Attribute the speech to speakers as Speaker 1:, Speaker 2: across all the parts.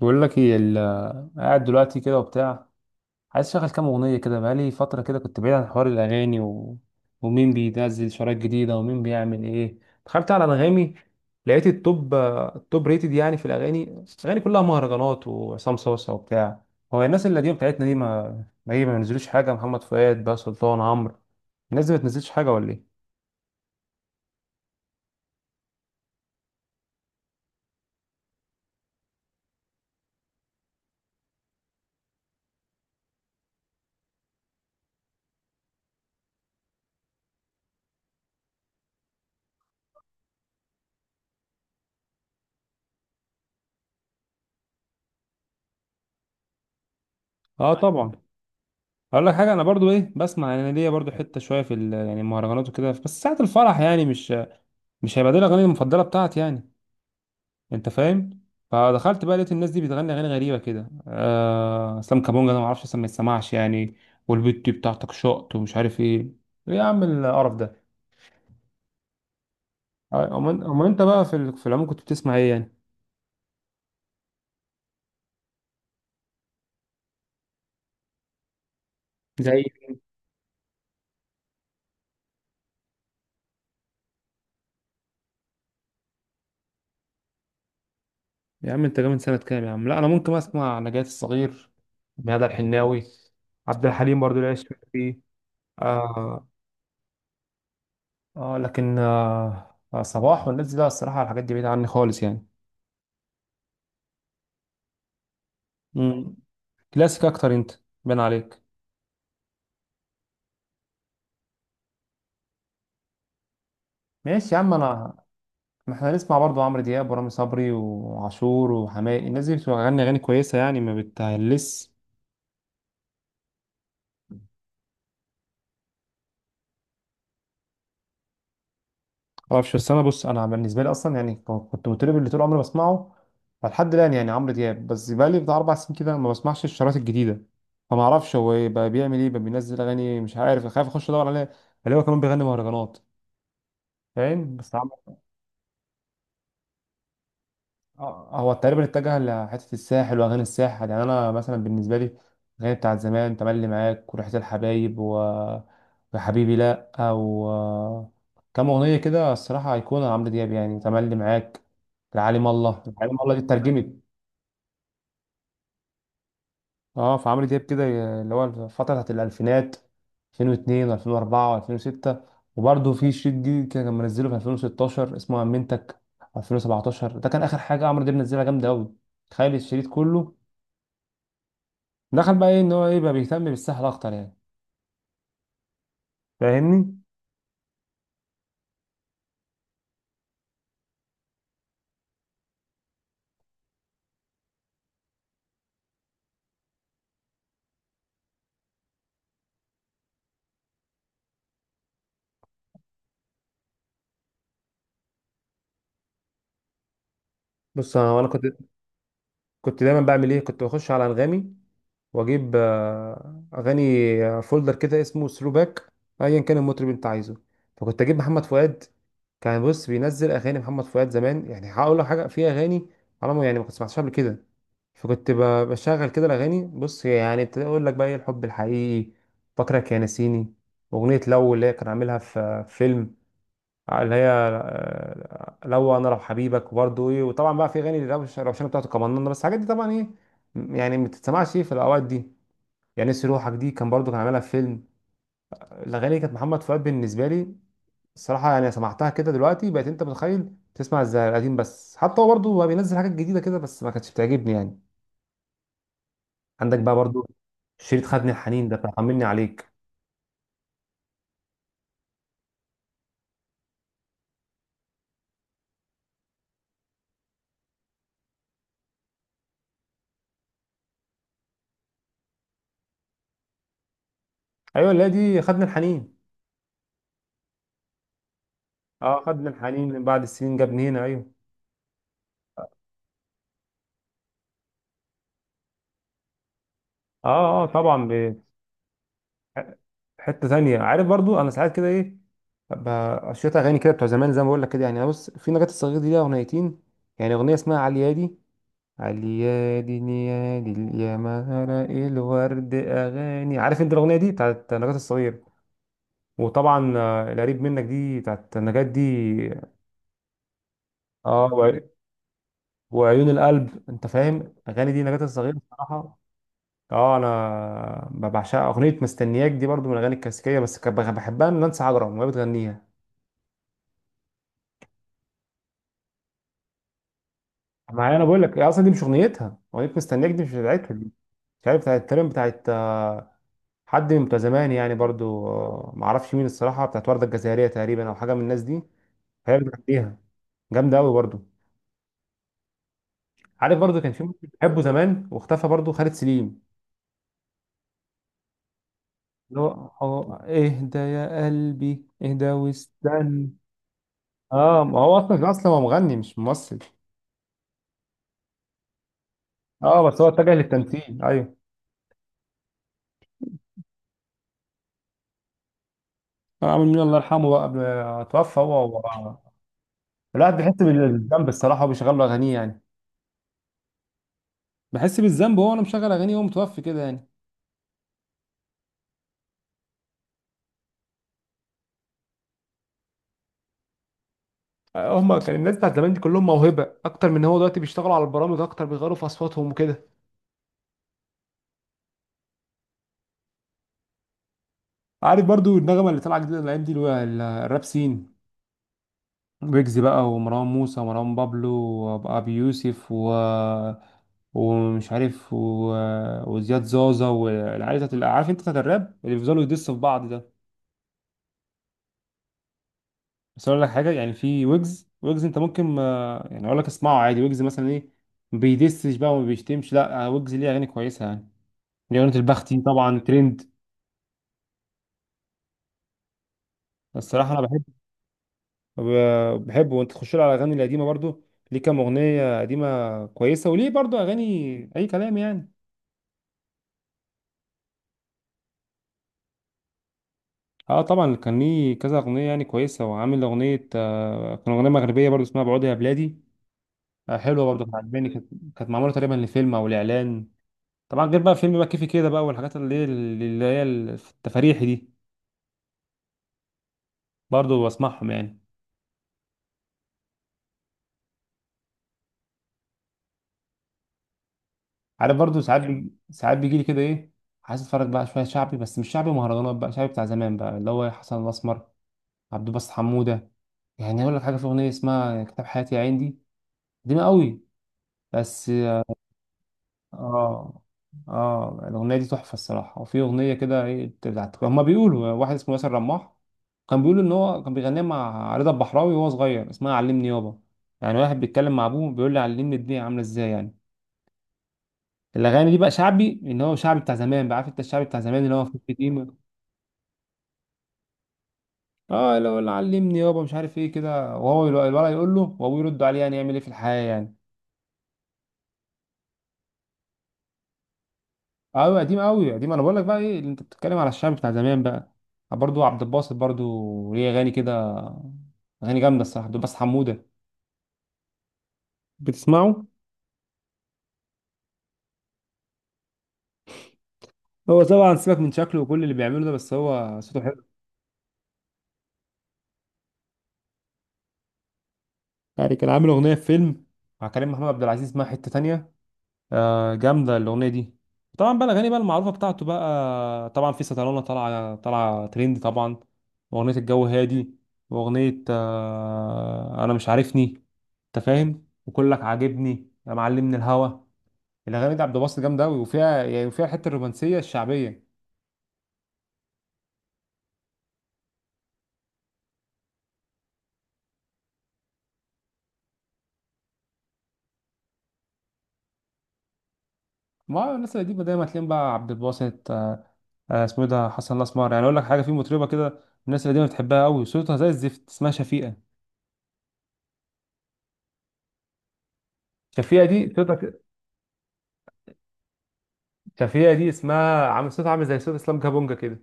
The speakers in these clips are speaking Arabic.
Speaker 1: بقول لك ايه قاعد دلوقتي كده وبتاع. عايز اشغل كام اغنيه كده، بقالي فتره كده كنت بعيد عن حوار الاغاني. ومين بينزل شرايط جديده ومين بيعمل ايه. دخلت على انغامي، لقيت التوب ريتد يعني في الاغاني كلها مهرجانات وعصام صوصه وبتاع. هو الناس القديمه بتاعتنا دي ما هي ما بينزلوش حاجه، محمد فؤاد بقى، سلطان، عمرو، الناس دي ما بتنزلش حاجه ولا ايه؟ اه، طبعا. اقول لك حاجه، انا برضو ايه بسمع، انا ليا برضو حته شويه في يعني المهرجانات وكده، بس ساعه الفرح يعني، مش هيبقى دي الاغاني المفضله بتاعتي يعني. انت فاهم. فدخلت بقى لقيت الناس دي بتغني اغاني غريبه كده، اسلام كابونجا ده ما اعرفش اسمه، ما يتسمعش يعني، والبت دي بتاعتك شقط ومش عارف ايه. ايه يا عم القرف ده؟ امال انت بقى في في العموم كنت بتسمع ايه يعني؟ زي؟ يا عم انت جاي من سنه كام يا عم؟ لا، انا ممكن اسمع نجاة الصغير، ميادة الحناوي، عبد الحليم برضو اللي عايش فيه. آه. آه لكن آه، صباح والناس دي لا، الصراحه الحاجات دي بعيده عني خالص يعني. مم. كلاسيك اكتر انت، بان عليك. ماشي يا عم انا، ما احنا نسمع برضه عمرو دياب ورامي صبري وعاشور وحماقي، الناس دي بتغني اغاني كويسه يعني، ما بتهلس. معرفش، بس انا بص، انا بالنسبه لي اصلا يعني، كنت مطرب اللي طول عمري بسمعه، فلحد الان يعني عمرو دياب بس، بقى لي بتاع اربع سنين كده ما بسمعش الشرايط الجديده، فما اعرفش هو إيه بقى، بيعمل ايه بقى، بينزل اغاني مش عارف، خايف اخش ادور عليه اللي هو كمان بيغني مهرجانات. فاهم؟ بس. اه، هو تقريبا اتجه لحتة الساحل وأغاني الساحل، يعني أنا مثلا بالنسبة لي الأغاني بتاعت زمان، تملي معاك وريحة الحبايب، وحبيبي لأ، أو كام أغنية كده الصراحة أيقونة عمرو دياب يعني، تملي معاك، العالم الله، العالم الله دي اترجمت. اه، فعمرو دياب كده اللي هو الفترة بتاعت الألفينات، 2002 و2004 و2006، وبرضه في شريط جديد كده كان منزله في 2016 اسمه أمنتك، 2017 ده كان آخر حاجة عمرو دياب نزلها جامدة أوي. تخيل الشريط كله. دخل بقى ايه، ان هو ايه بقى بيهتم بالسحر اكتر يعني. فاهمني؟ بص انا، وأنا كنت دايما بعمل ايه، كنت بخش على انغامي واجيب اغاني، فولدر كده اسمه ثرو باك، ايا كان المطرب اللي انت عايزه، فكنت اجيب محمد فؤاد. كان بص بينزل اغاني محمد فؤاد زمان، يعني هقول لك حاجه في اغاني على ما يعني، ما كنت سمعتهاش قبل كده. فكنت بشغل كده الاغاني، بص يعني ابتدي اقول لك بقى ايه، الحب الحقيقي، فاكرك يا نسيني، اغنيه لو اللي هي كان عاملها في فيلم اللي هي لو انا، لو حبيبك، وبرضه ايه، وطبعا بقى في اغاني روشانه بتاعته كمان، بس الحاجات دي طبعا ايه، يعني ما بتتسمعش ايه في الاوقات دي يعني، نسي روحك دي كان برضه كان عاملها في فيلم. الاغاني دي كانت محمد فؤاد بالنسبه لي الصراحه يعني، سمعتها كده دلوقتي بقيت انت متخيل تسمع زي القديم، بس حتى هو برضه بقى بينزل حاجات جديده كده بس ما كانتش بتعجبني يعني. عندك بقى برضه شريط خدني الحنين ده بتاع طمني عليك. ايوه، اللي هي دي خدني الحنين. اه، خدني الحنين من بعد السنين جابني هنا، ايوه. اه، اه، طبعا. حته تانية، عارف برضو انا ساعات كده ايه، ببقى شويه اغاني كده بتوع زمان زي ما بقول لك كده يعني، أنا بص في نجاة الصغير دي لها اغنيتين، يعني اغنيه اسمها عليادي، عليادي نيادي يا مهر الورد، اغاني عارف انت الاغنيه دي بتاعت نجاة الصغير. وطبعا القريب منك دي بتاعت نجاة دي. اه، وعيون القلب، انت فاهم، اغاني دي نجاة الصغير بصراحه. اه، انا بعشقها، اغنيه مستنياك دي برضو من الاغاني الكلاسيكيه، بس كنت بحبها من نانسي عجرم وهي بتغنيها معايا. انا بقول لك هي اصلا دي مش اغنيتها، اغنيه مستنياك دي مش بتاعتها دي، مش عارف، بتاعت تقريبا، بتاعت حد من بتوع زمان يعني برضو، ما اعرفش مين الصراحه، بتاعت ورده الجزائريه تقريبا، او حاجه من الناس دي، هي اللي بتغنيها، جامده قوي برضو. عارف برضو كان في مطرب بحبه زمان واختفى برضو، خالد سليم، اللي هو، اهدى يا قلبي، اهدى واستنى. اه، ما هو اصلا كان اصلا هو مغني مش ممثل. اه، بس هو اتجه للتمثيل، ايوه. عامل مين الله يرحمه بقى قبل ما توفى هو، الواحد بيحس بالذنب الصراحه وبيشغل له اغانيه يعني، بحس بالذنب وهو انا مشغل اغاني وهو متوفي كده يعني. هما كان الناس بتاعت زمان دي كلهم موهبه اكتر من هو دلوقتي، بيشتغلوا على البرامج اكتر، بيغيروا في اصواتهم وكده. عارف برضو النغمه اللي طالعه جديده الايام دي اللي هو الراب سين، ويجز بقى، ومروان موسى، ومروان بابلو، وابي يوسف، ومش عارف، وزياد زازا، والعيال بتاعت، عارف انت بتاعت الراب اللي بيفضلوا يدسوا في بعض ده. بس اقول لك حاجه، يعني في ويجز، انت ممكن ما يعني اقول لك اسمعه عادي، ويجز مثلا ايه، ما بيدسش بقى وما بيشتمش، لا، ويجز ليه اغاني كويسه يعني، ليه اغنيه البختي طبعا ترند. الصراحه انا بحب، بحبه وانت تخش له على الاغاني القديمه برضو، ليه كام اغنيه قديمه كويسه، وليه برضو اغاني اي كلام يعني. اه، طبعا كان ليه كذا اغنيه يعني كويسه، وعامل اغنيه كان اغنيه مغربيه برضو اسمها بعودي يا بلادي، حلوه برضو، كانت عجباني، كانت معموله تقريبا لفيلم او لاعلان. طبعا غير بقى فيلم بقى كيفي كده بقى، والحاجات اللي هي التفاريحي دي، برضه بسمعهم يعني. عارف برضه ساعات بيجي لي كده ايه، عايز اتفرج بقى شويه شعبي، بس مش شعبي مهرجانات بقى، شعبي بتاع زمان بقى، اللي هو حسن الاسمر، عبد الباسط حموده. يعني اقول لك حاجه، في اغنيه اسمها كتاب حياتي يا عين دي، قديمه قوي بس. اه. اه، الاغنيه دي تحفه الصراحه. وفي اغنيه كده ايه بتاعت، هما بيقولوا واحد اسمه ياسر رماح، كان بيقول ان هو كان بيغنيها مع رضا البحراوي وهو صغير، اسمها علمني يابا، يعني واحد بيتكلم مع ابوه بيقول له علمني الدنيا عامله ازاي يعني. الاغاني دي بقى شعبي، ان هو شعبي بتاع زمان بقى، عارف انت الشعبي بتاع زمان اللي هو في القديمه. اه، اللي هو اللي علمني يابا مش عارف ايه كده، وهو الولد يقول له وابوه يرد عليه، يعني يعمل ايه في الحياه يعني. قوي قديم، قوي قديم. انا بقول لك بقى ايه، اللي انت بتتكلم على الشعب بتاع زمان بقى، برضو عبد الباسط برضو ليه اغاني كده، اغاني جامده الصراحه، عبد الباسط حموده، بتسمعه؟ هو طبعا سيبك من شكله وكل اللي بيعمله ده، بس هو صوته حلو. يعني كان عامل اغنيه في فيلم مع كريم محمود عبد العزيز اسمها حته تانية، جامده الاغنيه دي. طبعا بقى الاغاني بقى المعروفه بتاعته بقى طبعا، في سطرانه، طالعه طالعه ترند طبعا، واغنيه الجو هادي، واغنيه انا مش عارفني، انت فاهم، وكلك عاجبني يا معلم من الهوا. الاغاني دي عبد الباسط جامده قوي، وفيها يعني الحته الرومانسيه الشعبيه. ما هو الناس القديمه دايما تلاقيهم بقى عبد الباسط، اسمه ايه ده، حسن الاسمر. يعني اقول لك حاجه، في مطربه كده الناس القديمه بتحبها قوي صوتها زي الزفت اسمها شفيقه. شفيقه دي صوتها كده- شفيقه دي اسمها، عامل صوتها عامل زي صوت اسلام كابونجا كده،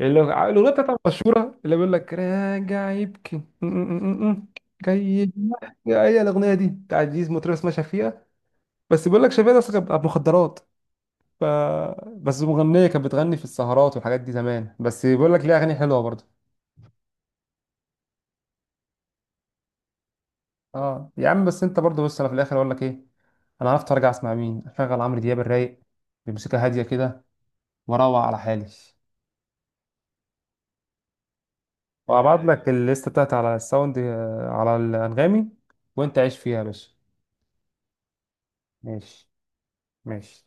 Speaker 1: الاغنيه بتاعتها المشهوره اللي بيقول لك راجع يبكي جاي يبكي. هي الاغنيه دي بتاعت دي مطربه اسمها شفيقه، بس بيقول لك شفيقه ده اصلا كانت بتاعت مخدرات، ف... بس مغنية كانت بتغني في السهرات والحاجات دي زمان، بس بيقول لك ليها أغاني حلوة برضه. اه يا عم، بس أنت برضه بص، أنا في الآخر أقول لك إيه، أنا عرفت أرجع أسمع مين، أشغل عمرو دياب الرايق بموسيقى هادية كده، وأروق على حالي، وأبعت لك الليستة بتاعتي على الساوند، على الأنغامي، وأنت عيش فيها يا باشا. ماشي. ماشي.